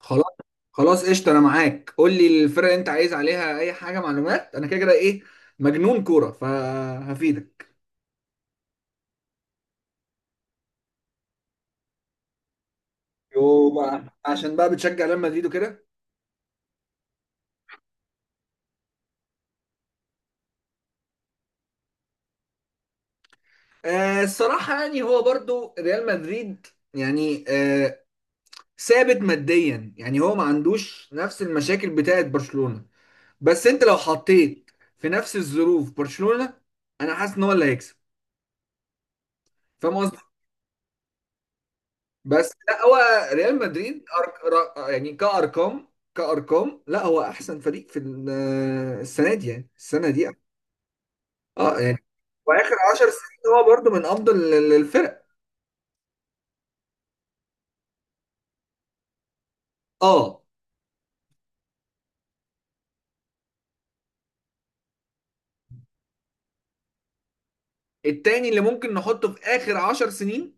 خلاص خلاص قشطه، انا معاك. قول لي الفرقه اللي انت عايز عليها، اي حاجه معلومات. انا كده كده ايه، مجنون كوره فهفيدك. يو بقى عشان بقى بتشجع ريال مدريد وكده. آه الصراحه يعني هو برضو ريال مدريد، يعني آه، ثابت ماديا. يعني هو ما عندوش نفس المشاكل بتاعه برشلونه. بس انت لو حطيت في نفس الظروف برشلونه، انا حاسس ان هو اللي هيكسب. فاهم؟ بس لا هو ريال مدريد يعني كأرقام. كأرقام لا هو أحسن فريق في السنة دي، يعني السنة دي. اه يعني، وآخر 10 سنين هو برضو من أفضل الفرق. اه التاني اللي ممكن نحطه في آخر 10 سنين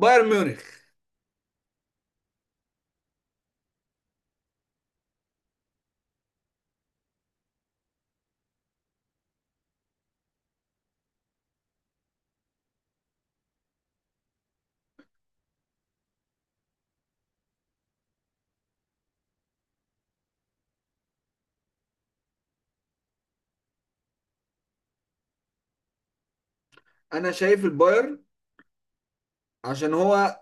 بايرن ميونخ. أنا شايف البايرن عشان هو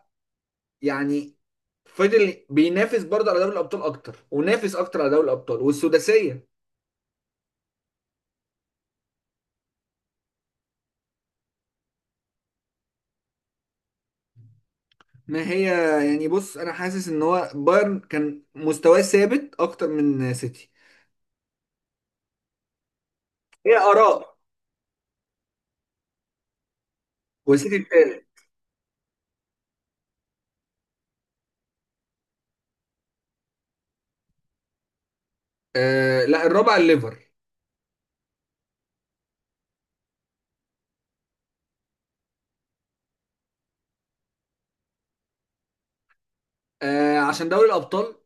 يعني فضل بينافس برضه على دوري الأبطال أكتر، ونافس أكتر على دوري الأبطال والسداسية. ما هي يعني، بص انا حاسس ان هو بايرن كان مستواه ثابت اكتر من سيتي. هي اراء. والسيتي الثالث. آه لا، الرابع الليفر. آه عشان دوري الابطال،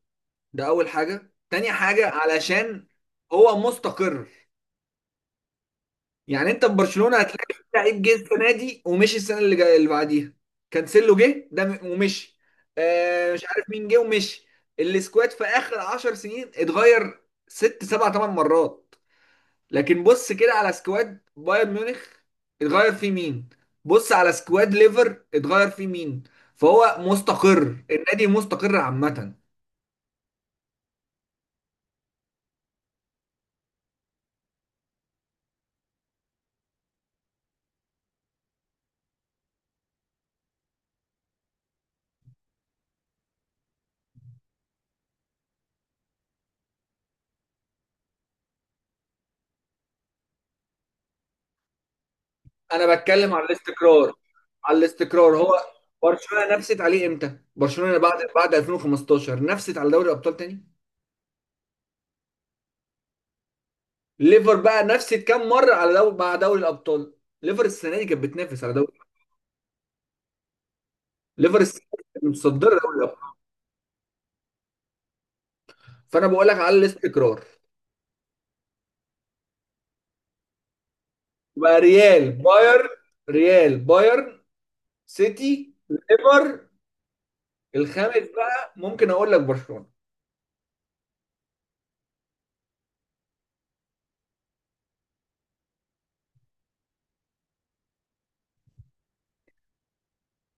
ده اول حاجه. تاني حاجه علشان هو مستقر. يعني انت في برشلونه هتلاقي في لعيب جه السنه دي ومشي السنه اللي جايه اللي بعديها. كانسيلو جه ده ومشي. آه مش عارف مين جه ومشي. السكواد في اخر 10 سنين اتغير ست سبع ثمان مرات. لكن بص كده على سكواد بايرن ميونخ، اتغير فيه مين؟ بص على سكواد ليفر، اتغير فيه مين؟ فهو مستقر، النادي مستقر عامة. انا بتكلم على الاستقرار. على الاستقرار هو. برشلونة نفست عليه امتى؟ برشلونة بعد 2015 نفست على دوري الابطال تاني؟ ليفر بقى نفست كام مرة على دوري مع دوري الابطال؟ ليفر السنة دي كانت بتنافس على دوري. ليفر السنة دي كانت متصدرة دوري الابطال. فانا بقول لك على الاستقرار. بقى ريال بايرن، ريال بايرن، سيتي ليفر. الخامس بقى ممكن اقول لك برشلونة.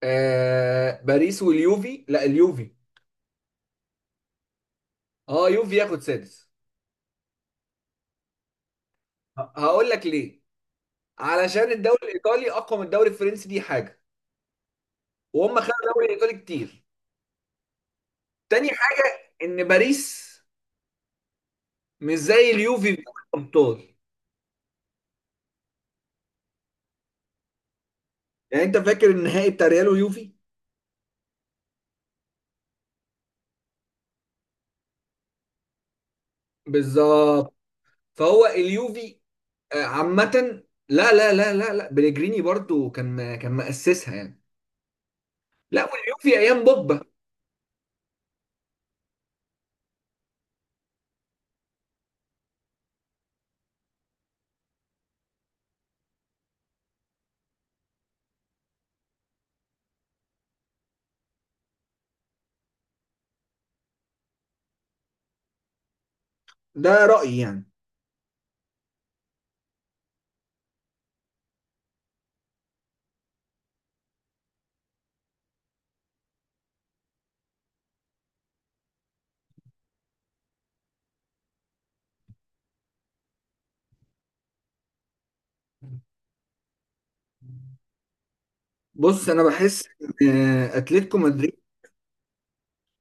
آه باريس واليوفي، لا اليوفي. اه يوفي ياخد سادس. هقول لك ليه. علشان الدوري الايطالي اقوى من الدوري الفرنسي، دي حاجه. وهم خدوا الدوري الايطالي كتير. تاني حاجه ان باريس مش زي اليوفي بتاع الابطال. يعني انت فاكر النهائي بتاع ريال ويوفي؟ بالظبط. فهو اليوفي. عامه، لا لا لا لا لا، بليجريني برضو كان مؤسسها يعني. لا، والعيوب في ايام بوجبا. ده رايي يعني. بص انا بحس إن اتلتيكو مدريد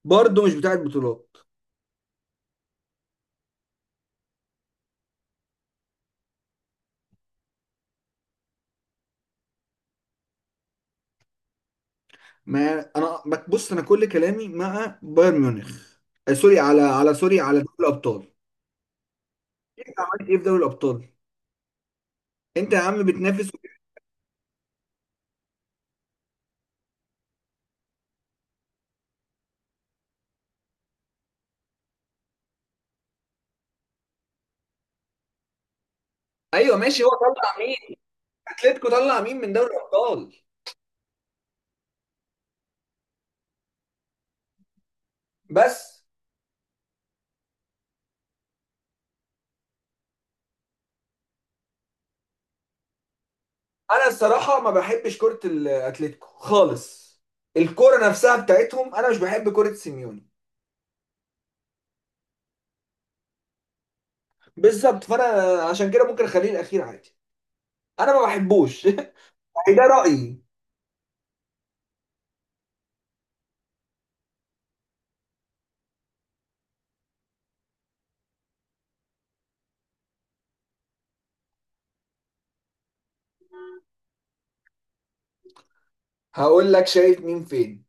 برضه مش بتاعت بطولات. ما انا بص انا كل كلامي مع بايرن ميونخ. سوري على سوري على دوري الابطال. انت عملت ايه في دوري الابطال؟ انت يا عم بتنافس. ايوه ماشي، هو طلع مين؟ اتلتيكو طلع مين من دوري الابطال؟ بس. انا الصراحه ما بحبش كره الاتلتيكو خالص. الكره نفسها بتاعتهم انا مش بحب كره سيميوني. بالظبط. فانا عشان كده ممكن اخليه الاخير عادي. انا ما بحبوش يعني ده رايي. هقول لك شايف مين فين.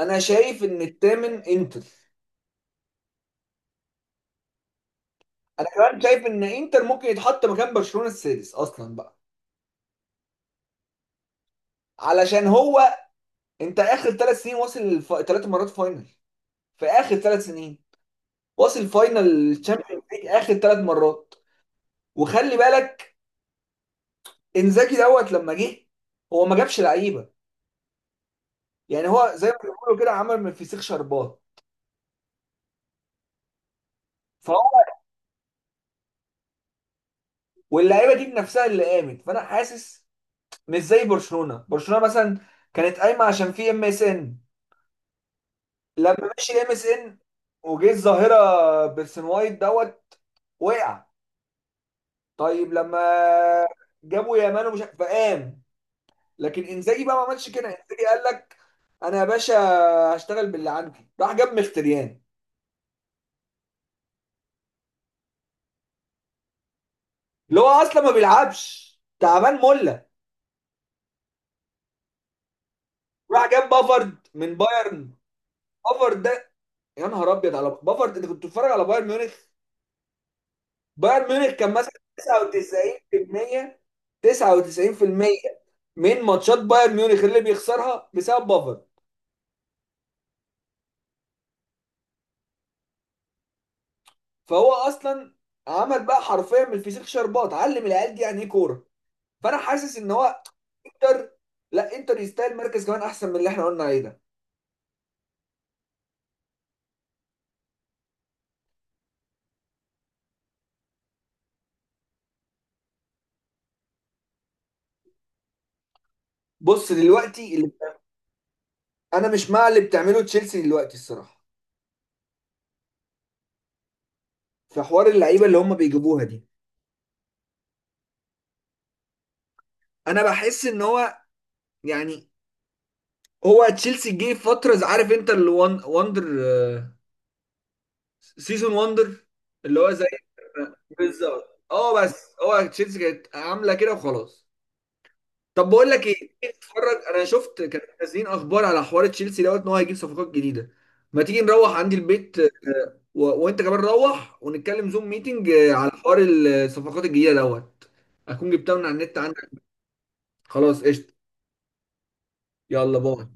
انا شايف ان الثامن انتر. انا كمان شايف ان انتر ممكن يتحط مكان برشلونة السادس اصلا بقى. علشان هو، انت اخر 3 سنين واصل ثلاث مرات فاينل في اخر ثلاث سنين. واصل فاينل تشامبيونز ليج اخر 3 مرات. وخلي بالك انزاجي دوت لما جه، هو ما جابش لعيبه. يعني هو زي ما بيقولوا كده، عمل من الفسيخ شربات. فهو، واللعيبه دي بنفسها اللي قامت، فانا حاسس. مش زي برشلونه. برشلونه مثلا كانت قايمه عشان في ام اس ان. لما مشي ام اس ان، وجه الظاهره بيرسن وايت دوت، وقع. طيب لما جابوا يامال ومش فقام. لكن انزاجي بقى ما عملش كده. انزاجي قال لك انا يا باشا هشتغل باللي عندي، راح جاب مختريان اللي هو اصلا ما بيلعبش، تعبان مله. راح جاب بافارد من بايرن. بافارد ده، يا نهار ابيض على بافارد. انت كنت بتتفرج على بايرن ميونخ؟ بايرن ميونخ كان مثلا 99%، 99% من ماتشات بايرن ميونخ اللي بيخسرها بسبب بافر. فهو اصلا عمل بقى حرفيا من الفسيخ شربات، علم العيال دي يعني ايه كوره. فانا حاسس ان هو انتر. لا، انتر يستاهل مركز كمان احسن من اللي احنا قلنا عليه ده. بص دلوقتي اللي... انا مش مع اللي بتعمله تشيلسي دلوقتي الصراحه. في حوار اللعيبه اللي هم بيجيبوها دي. انا بحس ان هو يعني، هو تشيلسي جه فتره، عارف انت الوان واندر، سيزون وندر، اللي هو زي. بالظبط، اه، بس هو تشيلسي كانت عامله كده وخلاص. طب بقول لك ايه، تيجي تتفرج، انا شفت كانوا نازلين اخبار على حوار تشيلسي دوت ان هو هيجيب صفقات جديده. ما تيجي نروح عندي البيت و... وانت كمان روح، ونتكلم زوم ميتنج على حوار الصفقات الجديده دوت. اكون جبتها من على النت عندك. خلاص قشطه. يلا باي.